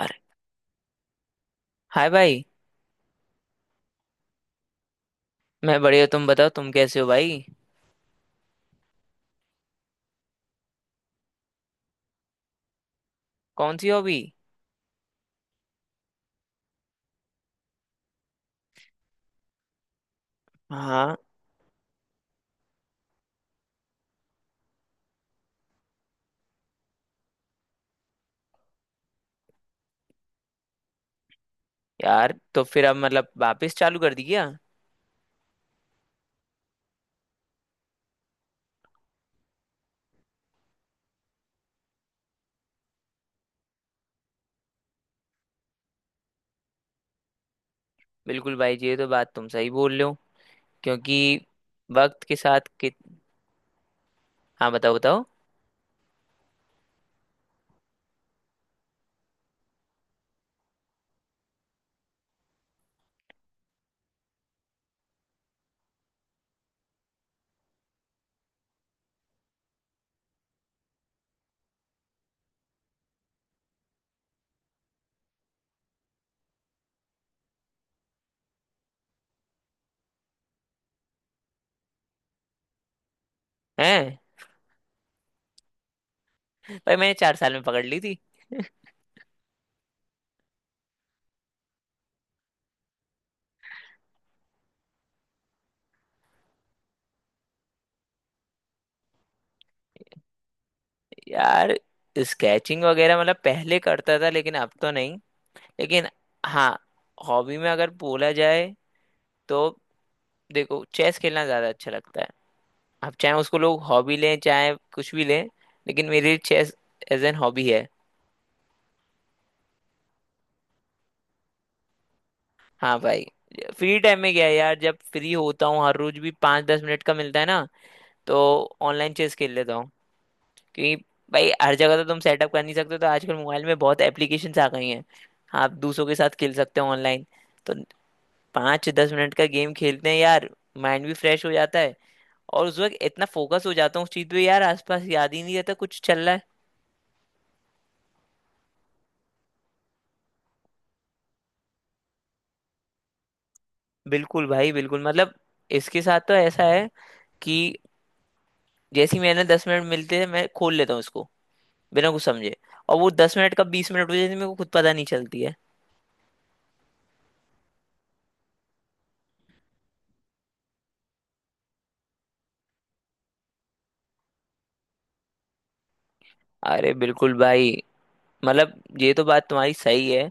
अरे! हाय भाई। मैं बढ़िया, तुम बताओ, तुम कैसे हो भाई? कौन सी हॉबी? हाँ, यार तो फिर अब मतलब वापस चालू कर दी क्या? बिल्कुल भाई जी, ये तो बात तुम सही बोल रहे हो। क्योंकि वक्त के साथ कि... हाँ, बताओ बताओ। हैं? भाई मैंने 4 साल में पकड़ ली थी। यार स्केचिंग वगैरह मतलब पहले करता था, लेकिन अब तो नहीं। लेकिन हाँ, हॉबी में अगर बोला जाए तो देखो, चेस खेलना ज्यादा अच्छा लगता है। अब चाहे उसको लोग हॉबी लें चाहे कुछ भी लें, लेकिन मेरे लिए चेस एज एन हॉबी है। हाँ भाई। फ्री टाइम में क्या है यार, जब फ्री होता हूँ हर रोज भी 5-10 मिनट का मिलता है ना, तो ऑनलाइन चेस खेल लेता हूँ। क्योंकि भाई हर जगह तो तुम सेटअप कर नहीं सकते, तो आजकल मोबाइल में बहुत एप्लीकेशंस आ गई हैं। हाँ, आप दूसरों के साथ खेल सकते हो ऑनलाइन, तो 5-10 मिनट का गेम खेलते हैं यार। माइंड भी फ्रेश हो जाता है, और उस वक्त इतना फोकस हो जाता हूँ उस चीज़ पे यार, आसपास याद ही नहीं रहता कुछ चल रहा है। बिल्कुल भाई बिल्कुल। मतलब इसके साथ तो ऐसा है कि जैसे ही मैंने 10 मिनट मिलते हैं, मैं खोल लेता हूँ इसको, बिना कुछ समझे, और वो 10 मिनट कब 20 मिनट हो जाती है, मेरे को खुद पता नहीं चलती है। अरे बिल्कुल भाई, मतलब ये तो बात तुम्हारी सही है।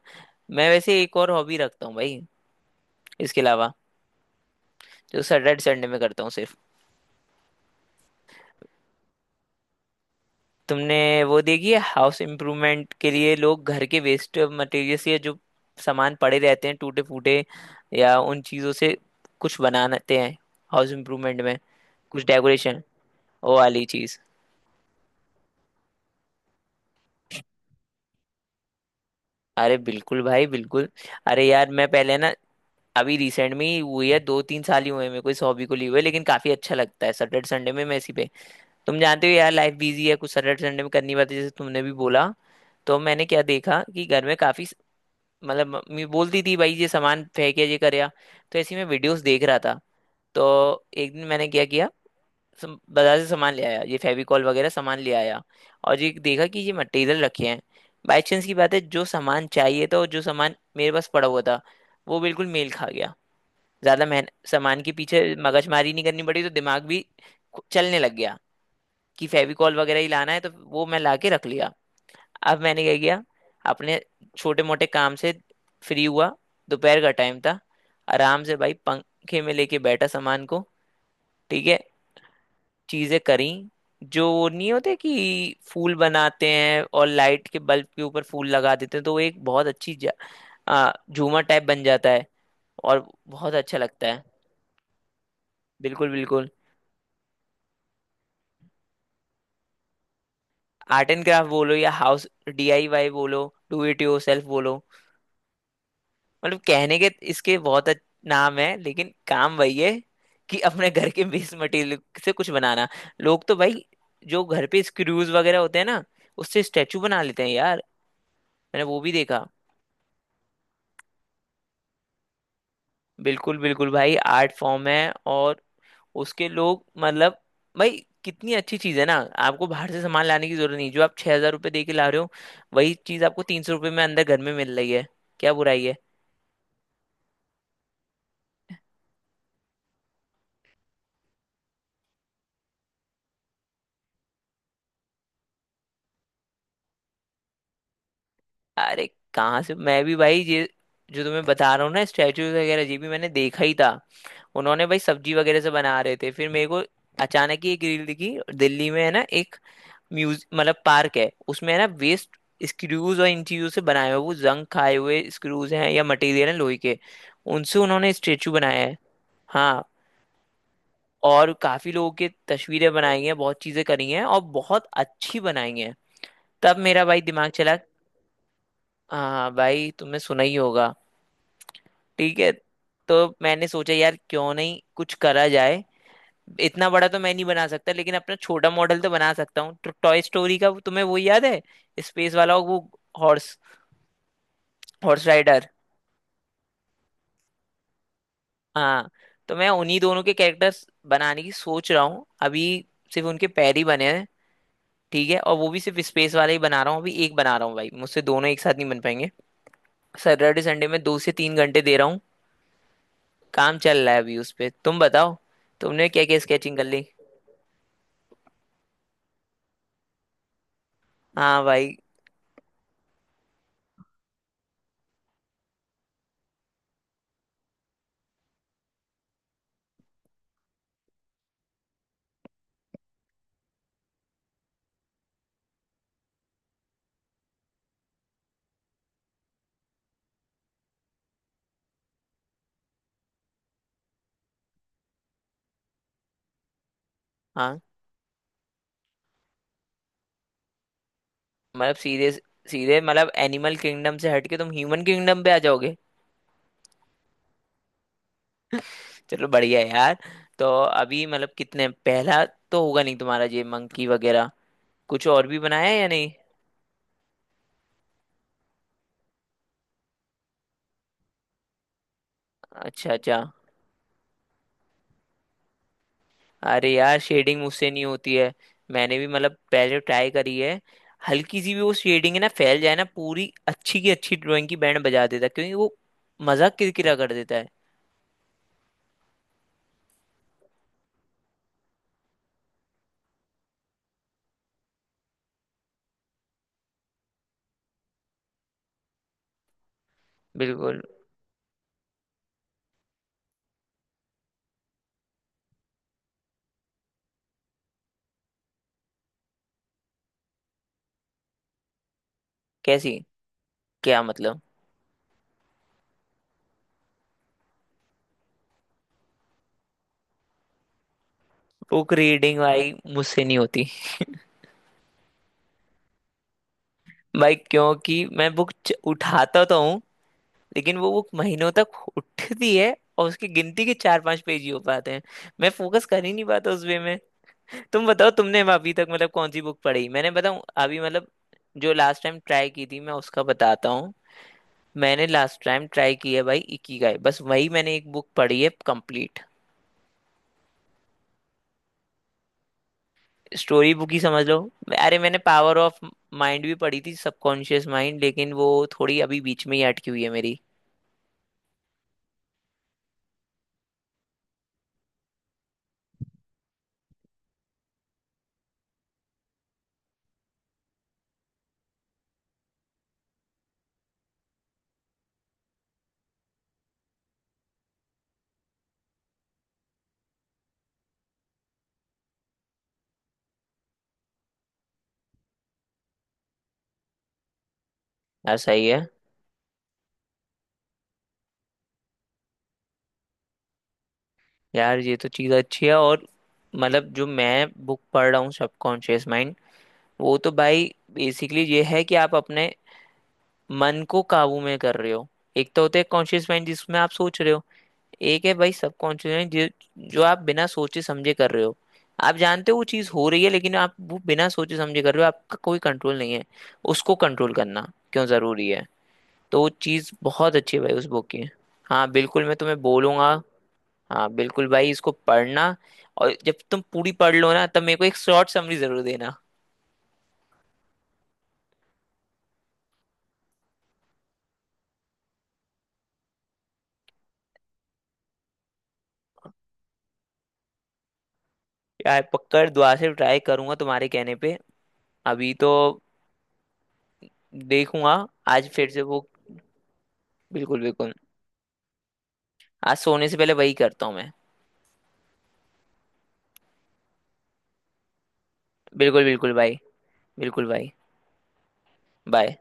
मैं वैसे एक और हॉबी रखता हूँ भाई, इसके अलावा, जो सैटरडे संडे में करता हूँ सिर्फ। तुमने वो देखी है, हाउस इम्प्रूवमेंट के लिए लोग घर के वेस्ट मटेरियल्स या जो सामान पड़े रहते हैं टूटे फूटे, या उन चीज़ों से कुछ बनाते हैं, हाउस इम्प्रूवमेंट में, कुछ डेकोरेशन ओ वाली चीज? अरे बिल्कुल भाई बिल्कुल। अरे यार मैं पहले ना, अभी रिसेंट में ही हुई है, 2-3 साल ही हुए हैं मेरे को इस हॉबी को लिए हुए, लेकिन काफी अच्छा लगता है। सैटरडे संडे में मैं इसी पे, तुम जानते हो यार, लाइफ बिजी है, कुछ सैटरडे संडे में करनी पड़ती है, जैसे तुमने भी बोला। तो मैंने क्या देखा कि घर में काफी मतलब, मम्मी बोलती थी भाई ये सामान फेंके ये कर या, तो ऐसे ही मैं वीडियोस देख रहा था। तो एक दिन मैंने क्या किया, बाजार से सामान ले आया, ये फेविकॉल वगैरह सामान ले आया, और ये देखा कि ये मटेरियल रखे हैं। बाई चांस की बात है, जो सामान चाहिए था और जो सामान मेरे पास पड़ा हुआ था, वो बिल्कुल मेल खा गया। ज्यादा मेहनत सामान के पीछे, मगजमारी नहीं करनी पड़ी, तो दिमाग भी चलने लग गया कि फेविकॉल वगैरह ही लाना है, तो वो मैं ला के रख लिया। अब मैंने क्या किया, अपने छोटे मोटे काम से फ्री हुआ, दोपहर का टाइम था, आराम से भाई पंखे में लेके बैठा सामान को, ठीक है, चीजें करी। जो वो नहीं होते कि फूल बनाते हैं और लाइट के बल्ब के ऊपर फूल लगा देते हैं, तो वो एक बहुत अच्छी झूमर टाइप बन जाता है, और बहुत अच्छा लगता है। बिल्कुल बिल्कुल। आर्ट एंड क्राफ्ट बोलो या हाउस डीआईवाई बोलो, डू इट योरसेल्फ बोलो, मतलब कहने के इसके बहुत अच्छे नाम है, लेकिन काम वही है कि अपने घर के वेस्ट मटेरियल से कुछ बनाना। लोग तो भाई जो घर पे स्क्रूज वगैरह होते हैं ना, उससे स्टेचू बना लेते हैं यार, मैंने वो भी देखा। बिल्कुल बिल्कुल भाई, आर्ट फॉर्म है, और उसके लोग मतलब, भाई कितनी अच्छी चीज है ना, आपको बाहर से सामान लाने की जरूरत नहीं। जो आप 6,000 रुपये दे के ला रहे हो, वही चीज आपको 300 रुपये में अंदर घर में मिल रही है, क्या बुराई है? अरे कहाँ से, मैं भी भाई ये जो तुम्हें बता रहा हूँ ना स्टैचू वगैरह, ये भी मैंने देखा ही था। उन्होंने भाई सब्जी वगैरह से बना रहे थे, फिर मेरे को अचानक ही एक रील दिखी। दिल्ली में है ना एक म्यूज मतलब पार्क है उसमें, है ना, वेस्ट स्क्रूज और इन चीजों से बनाए हुए, वो जंग खाए हुए स्क्रूज हैं या मटेरियल है लोहे के, उनसे उन्होंने स्टेचू बनाया है। हाँ, और काफी लोगों के तस्वीरें बनाई हैं, बहुत चीजें करी हैं और बहुत अच्छी बनाई हैं। तब मेरा भाई दिमाग चला। हाँ भाई, तुमने सुना ही होगा। ठीक है, तो मैंने सोचा यार क्यों नहीं कुछ करा जाए, इतना बड़ा तो मैं नहीं बना सकता, लेकिन अपना छोटा मॉडल तो बना सकता हूँ। तो टॉय स्टोरी का तुम्हें वो याद है, स्पेस वाला वो हॉर्स, हॉर्स राइडर? हाँ, तो मैं उन्हीं दोनों के कैरेक्टर्स बनाने की सोच रहा हूँ अभी, सिर्फ उनके पैर ही बने हैं। ठीक है, और वो भी सिर्फ स्पेस वाले ही बना रहा हूँ अभी, एक बना रहा हूँ भाई, मुझसे दोनों एक साथ नहीं बन पाएंगे। सैटरडे संडे में 2 से 3 घंटे दे रहा हूँ, काम चल रहा है अभी उस पे। तुम बताओ, तुमने क्या क्या स्केचिंग कर ली? हाँ भाई। हाँ मतलब सीधे, सीधे मतलब एनिमल किंगडम से हट के तुम ह्यूमन किंगडम पे आ जाओगे। चलो बढ़िया है यार। तो अभी मतलब कितने, पहला तो होगा नहीं तुम्हारा, ये मंकी वगैरह कुछ और भी बनाया है या नहीं? अच्छा अच्छा। अरे यार शेडिंग मुझसे नहीं होती है, मैंने भी मतलब पहले तो ट्राई करी है। हल्की सी भी वो शेडिंग है ना, फैल जाए ना, पूरी अच्छी की अच्छी ड्राइंग की बैंड बजा देता है, क्योंकि वो मजाक किरकिरा कर देता है। बिल्कुल। कैसी? क्या मतलब? बुक रीडिंग भाई मुझसे नहीं होती। भाई क्योंकि मैं बुक उठाता तो हूँ, लेकिन वो बुक महीनों तक उठती है और उसकी गिनती के 4-5 पेज ही हो पाते हैं। मैं फोकस कर ही नहीं पाता उस वे में। तुम बताओ, तुमने अभी तक मतलब कौन सी बुक पढ़ी? मैंने बताऊं अभी, मतलब जो लास्ट टाइम ट्राई की थी मैं उसका बताता हूँ। मैंने लास्ट टाइम ट्राई किया भाई इकिगाई, बस वही मैंने एक बुक पढ़ी है कंप्लीट। स्टोरी बुक ही समझ लो। अरे मैंने पावर ऑफ माइंड भी पढ़ी थी, सबकॉन्शियस माइंड, लेकिन वो थोड़ी अभी बीच में ही अटकी हुई है मेरी। यार सही है। यार ये तो चीज़ अच्छी है। और मतलब जो मैं बुक पढ़ रहा हूँ सबकॉन्शियस माइंड, वो तो भाई बेसिकली ये है कि आप अपने मन को काबू में कर रहे हो। एक तो होता है कॉन्शियस माइंड जिसमें आप सोच रहे हो, एक है भाई सबकॉन्शियस माइंड जो जो आप बिना सोचे समझे कर रहे हो। आप जानते हो वो चीज़ हो रही है, लेकिन आप वो बिना सोचे समझे कर रहे हो, आपका कोई कंट्रोल नहीं है। उसको कंट्रोल करना क्यों ज़रूरी है, तो वो चीज़ बहुत अच्छी है भाई उस बुक की। हाँ बिल्कुल, मैं तुम्हें बोलूंगा। हाँ बिल्कुल भाई, इसको पढ़ना, और जब तुम पूरी पढ़ लो ना, तब मेरे को एक शॉर्ट समरी जरूर देना। यार पक्का दुआ से ट्राई करूंगा, तुम्हारे कहने पे अभी तो देखूंगा। आज फिर से वो, बिल्कुल बिल्कुल, आज सोने से पहले वही करता हूँ मैं। बिल्कुल बिल्कुल भाई, बिल्कुल भाई, बाय।